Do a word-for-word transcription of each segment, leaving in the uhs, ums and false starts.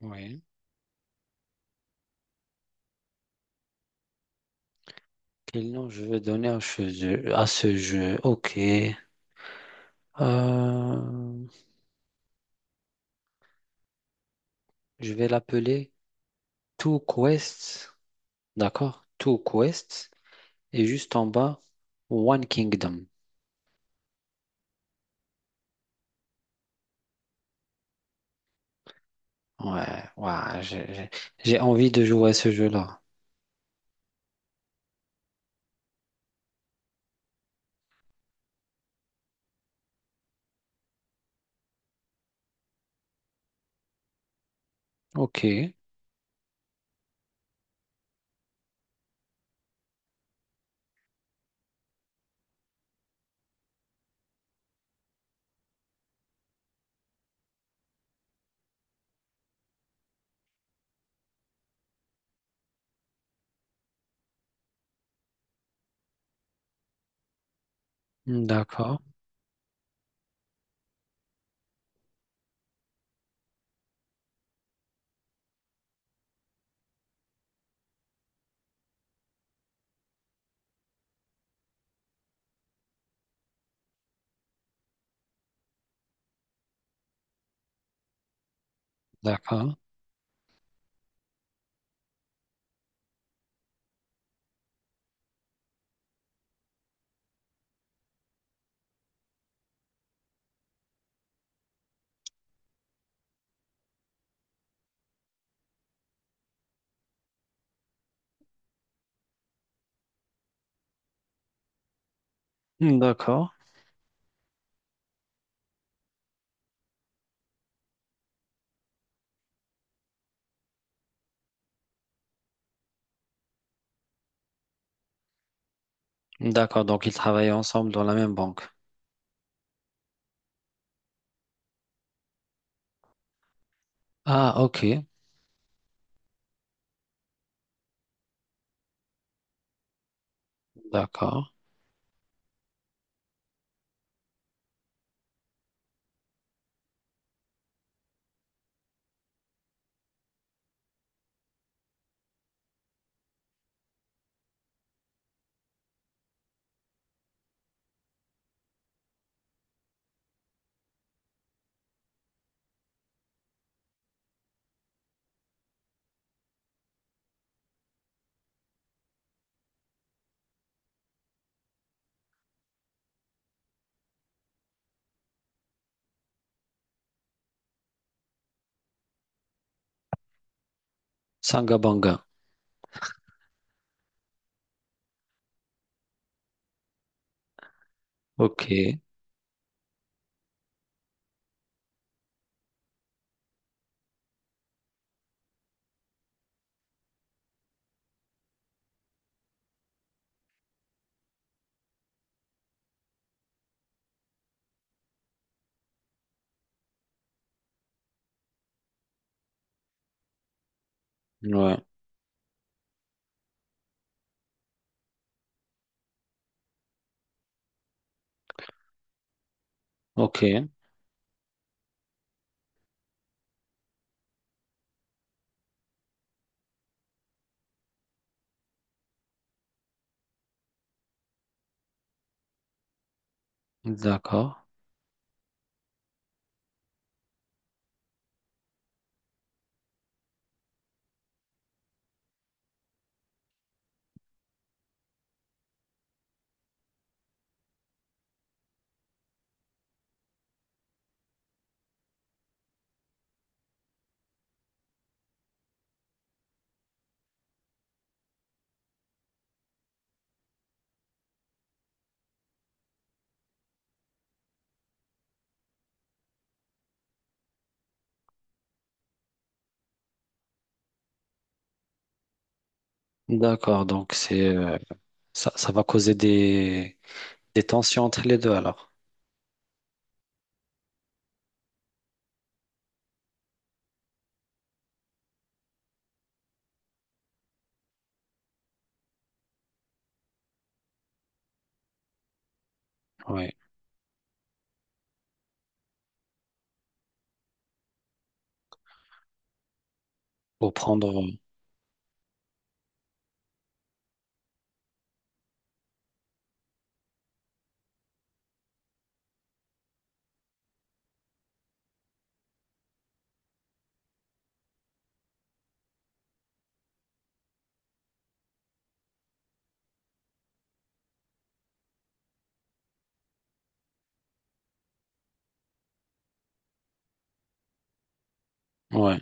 Oui. Quel nom je vais donner à ce jeu? À ce jeu? Ok. Euh, je vais l'appeler Two Quests. D'accord? Two Quests. Et juste en bas, One Kingdom. Ouais, ouais, j'ai j'ai- j'ai envie de jouer à ce jeu-là. Ok. D'accord. D'accord. D'accord. D'accord. Donc, ils travaillent ensemble dans la même banque. Ah, ok. D'accord. Sangabanga. Ok. Ouais. Ok. D'accord. D'accord, donc c'est euh, ça, ça va causer des, des tensions entre les deux alors. Oui, pour prendre. Ouais.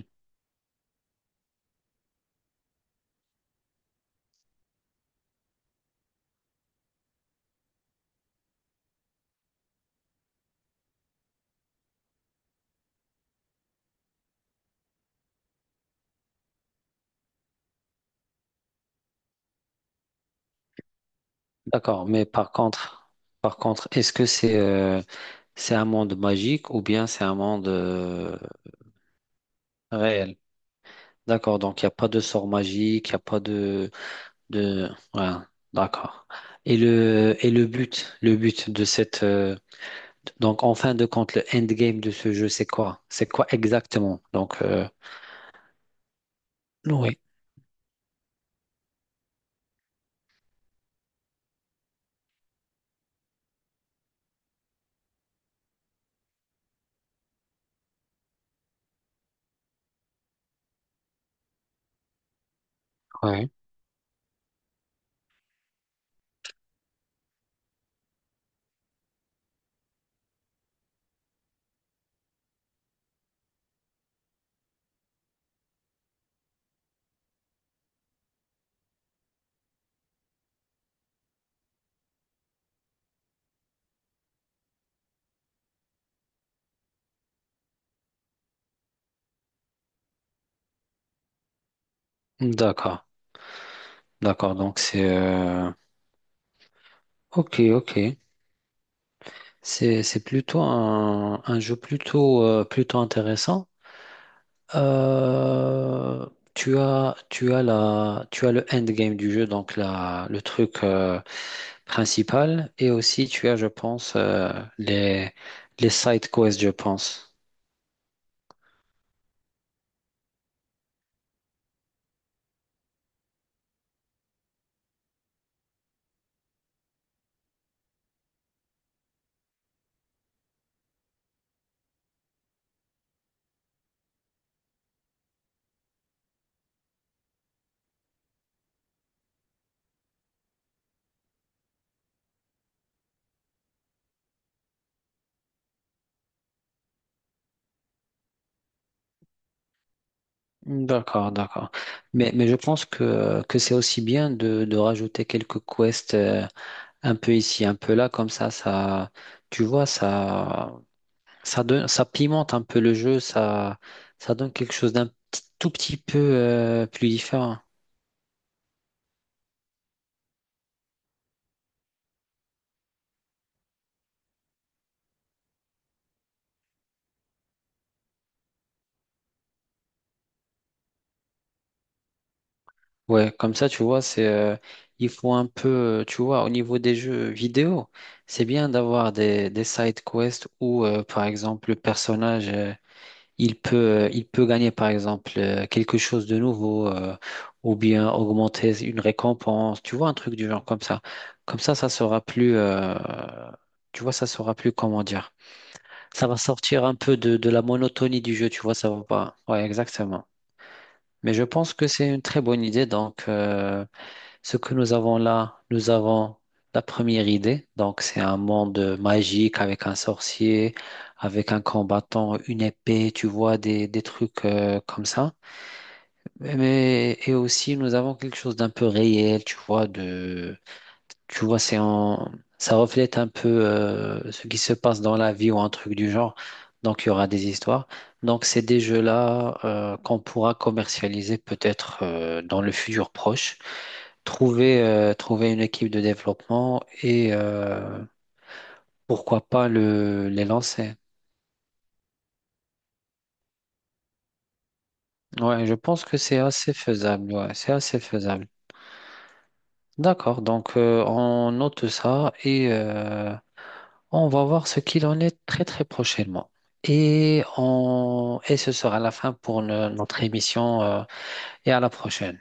D'accord, mais par contre, par contre, est-ce que c'est euh, c'est un monde magique ou bien c'est un monde euh, réel? D'accord, donc il n'y a pas de sort magique, il n'y a pas de de ouais, d'accord. Et le et le but, le but de cette euh, donc en fin de compte, le endgame de ce jeu, c'est quoi? C'est quoi exactement? Donc euh, oui, oui, d'accord. D'accord, donc c'est euh, ok, ok. C'est c'est plutôt un, un jeu plutôt euh, plutôt intéressant. Euh, tu as tu as la tu as le endgame du jeu, donc la le truc euh, principal, et aussi tu as, je pense, euh, les les side quests, je pense. D'accord, d'accord. Mais, mais je pense que, que c'est aussi bien de, de rajouter quelques quests euh, un peu ici, un peu là, comme ça, ça, tu vois, ça. Ça donne, ça pimente un peu le jeu, ça, ça donne quelque chose d'un petit- tout petit peu euh, plus différent. Ouais, comme ça, tu vois, c'est, euh, il faut un peu, euh, tu vois, au niveau des jeux vidéo, c'est bien d'avoir des, des side quests où, euh, par exemple, le personnage, euh, il peut, euh, il peut gagner, par exemple, euh, quelque chose de nouveau, euh, ou bien augmenter une récompense, tu vois, un truc du genre comme ça. Comme ça, ça sera plus, euh, tu vois, ça sera plus, comment dire. Ça va sortir un peu de, de la monotonie du jeu, tu vois, ça va pas. Ouais, exactement. Mais je pense que c'est une très bonne idée. Donc, euh, ce que nous avons là, nous avons la première idée. Donc, c'est un monde magique avec un sorcier, avec un combattant, une épée, tu vois, des, des trucs euh, comme ça. Mais, et aussi, nous avons quelque chose d'un peu réel, tu vois, de tu vois, c'est en... ça reflète un peu euh, ce qui se passe dans la vie ou un truc du genre. Donc, il y aura des histoires. Donc, c'est des jeux-là euh, qu'on pourra commercialiser peut-être euh, dans le futur proche. Trouver, euh, trouver une équipe de développement et euh, pourquoi pas le, les lancer. Ouais, je pense que c'est assez faisable. Ouais, c'est assez faisable. D'accord, donc euh, on note ça et euh, on va voir ce qu'il en est très très prochainement. Et, on, et ce sera la fin pour no- notre émission euh, et à la prochaine.